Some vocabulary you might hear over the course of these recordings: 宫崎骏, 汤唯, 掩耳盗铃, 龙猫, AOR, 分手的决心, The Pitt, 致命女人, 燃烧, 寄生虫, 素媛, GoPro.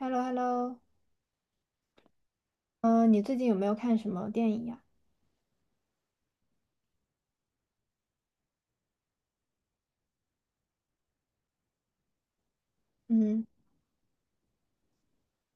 h e l l o h e l l o 嗯，你最近有没有看什么电影呀？嗯，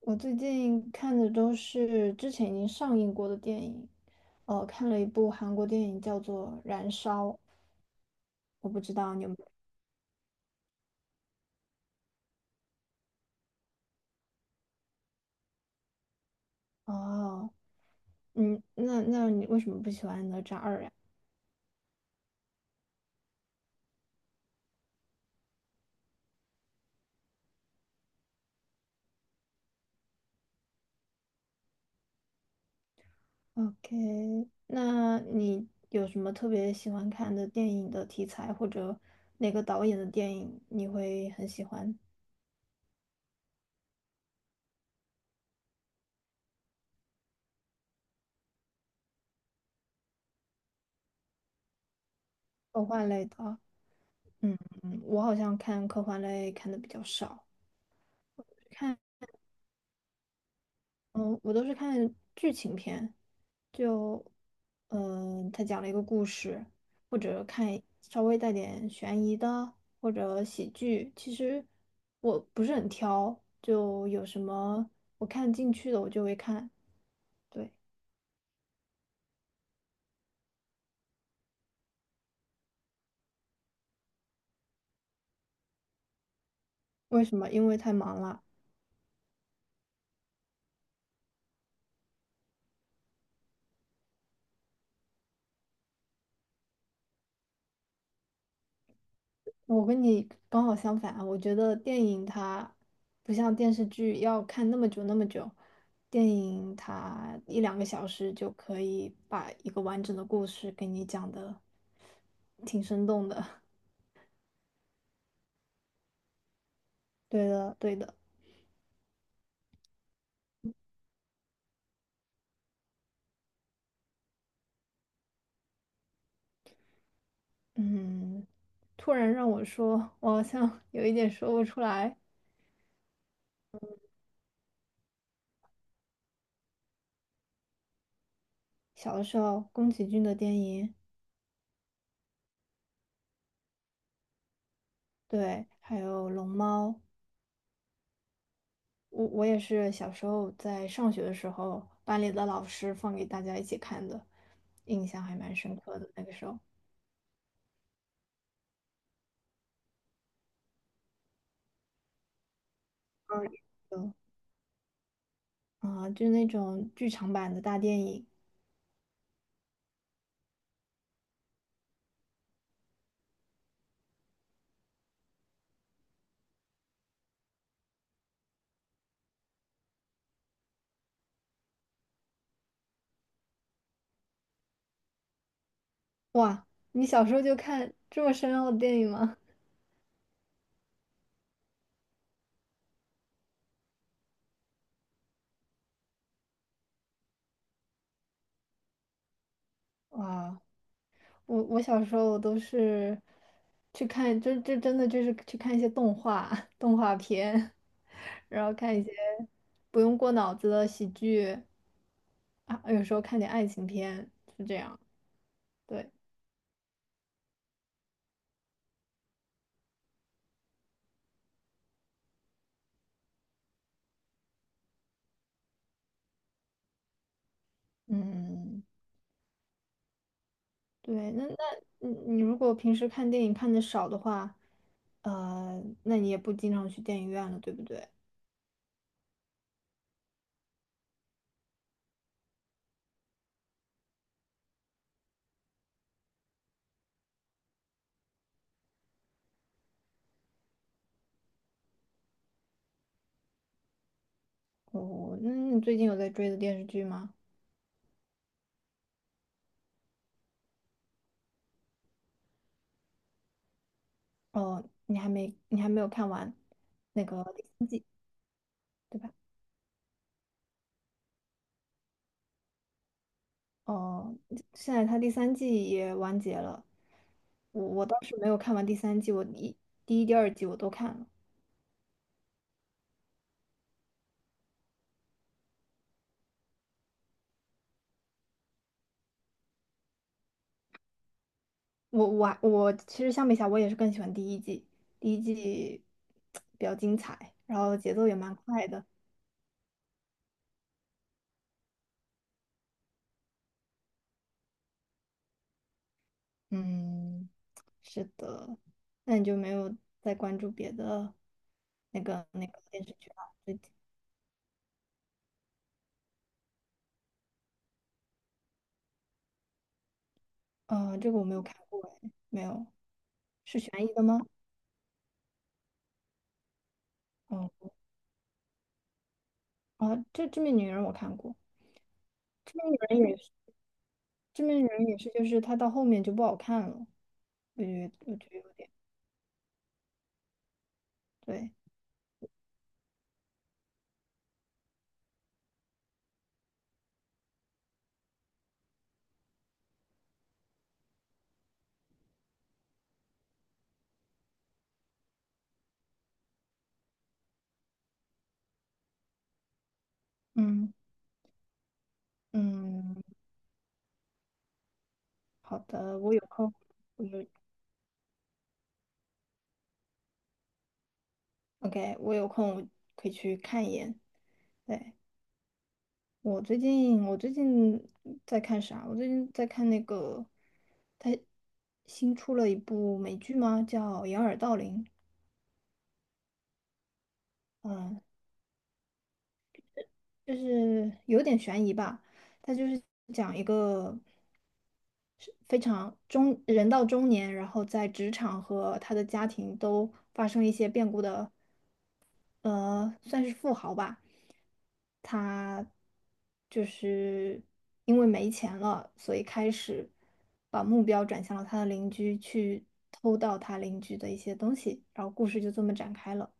我最近看的都是之前已经上映过的电影，哦，看了一部韩国电影叫做《燃烧》，我不知道你有没有。哦，那你为什么不喜欢哪吒二呀？OK，那你有什么特别喜欢看的电影的题材，或者哪个导演的电影你会很喜欢？科幻类的啊嗯，我好像看科幻类看的比较少。看。嗯，我都是看剧情片，就，他讲了一个故事，或者看稍微带点悬疑的，或者喜剧。其实我不是很挑，就有什么我看进去的我就会看。对，为什么？因为太忙了。我跟你刚好相反啊，我觉得电影它不像电视剧要看那么久那么久，电影它一两个小时就可以把一个完整的故事给你讲的挺生动的。对的，对的，嗯，突然让我说，我好像 有一点说不出来。小的时候，宫崎骏的电影，对，还有《龙猫》，我也是小时候在上学的时候，班里的老师放给大家一起看的，印象还蛮深刻的。那个时候，二嗯，嗯啊，就那种剧场版的大电影。哇，你小时候就看这么深奥的电影吗？哇，我小时候都是去看，这真的就是去看一些动画 动画片，然后看一些不用过脑子的喜剧啊，有时候看点爱情片，是这样。对。嗯，对，那你你如果平时看电影看的少的话，那你也不经常去电影院了，对不对？那你最近有在追的电视剧吗？哦，你还没有看完那个第三季，对吧？哦，现在它第三季也完结了，我倒是没有看完第三季，第一、第二季我都看了。我其实相比下，我也是更喜欢第一季，第一季比较精彩，然后节奏也蛮快的。嗯，是的。那你就没有再关注别的那个电视剧了？最近，这个我没有看过，哎，没有，是悬疑的吗？哦，啊，这《致命女人》我看过，《致命女人》也是，《致命女人》也是，就是它到后面就不好看了，我觉得有点对，嗯嗯，好的，我有空，我就 OK，我有空我可以去看一眼。对。我最近在看啥？我最近在看那个，他新出了一部美剧吗？叫《掩耳盗铃》。嗯，就是有点悬疑吧。它就是讲一个是非常中人到中年，然后在职场和他的家庭都发生一些变故的算是富豪吧，他就是因为没钱了，所以开始把目标转向了他的邻居，去偷盗他邻居的一些东西，然后故事就这么展开了。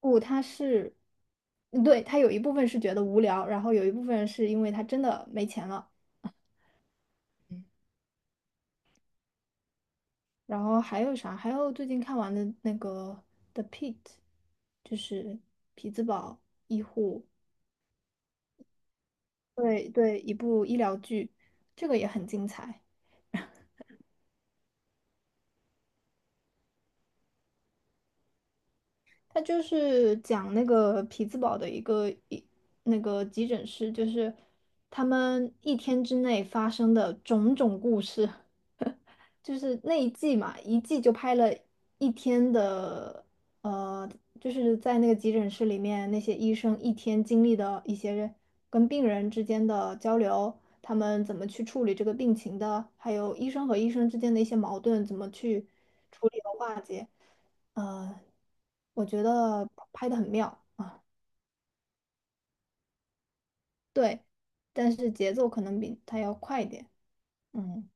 不，嗯对，他有一部分是觉得无聊，然后有一部分是因为他真的没钱了，然后还有啥？还有最近看完的那个《The Pitt》，就是匹兹堡医护。对对，一部医疗剧，这个也很精彩。它就是讲那个匹兹堡的一个那个急诊室，就是他们一天之内发生的种种故事。就是那一季嘛，一季就拍了一天的，呃，就是在那个急诊室里面，那些医生一天经历的一些跟病人之间的交流，他们怎么去处理这个病情的，还有医生和医生之间的一些矛盾，怎么去处理和化解，呃，我觉得拍的很妙啊，对，但是节奏可能比它要快一点，嗯。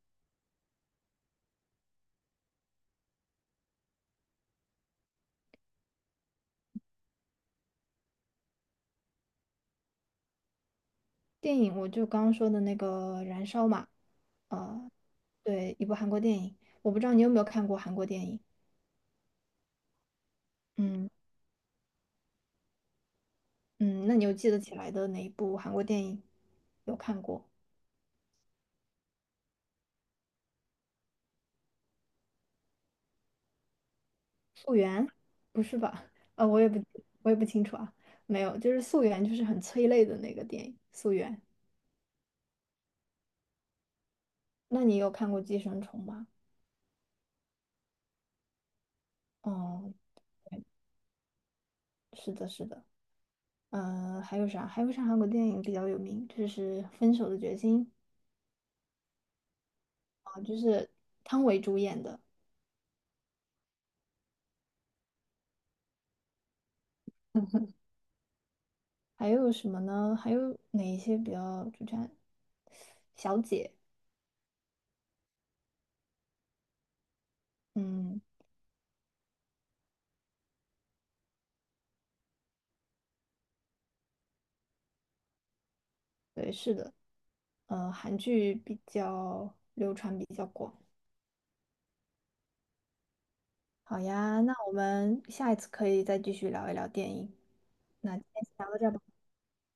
电影我就刚刚说的那个《燃烧》嘛，呃，对，一部韩国电影，我不知道你有没有看过韩国电影，嗯嗯，那你有记得起来的哪一部韩国电影有看过？《素媛》？不是吧？呃，我也不我也不清楚啊，没有，就是《素媛》就是很催泪的那个电影，《素媛》。那你有看过《寄生虫》吗？哦，是的，是的。嗯，还有啥？还有啥韩国电影比较有名？就是《分手的决心》啊，就是汤唯主演的。还有什么呢？还有哪一些比较主样小姐，嗯，对，是的，韩剧比较流传比较广。好呀，那我们下一次可以再继续聊一聊电影。那今天先聊到这儿吧。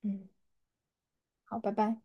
嗯，好，拜拜。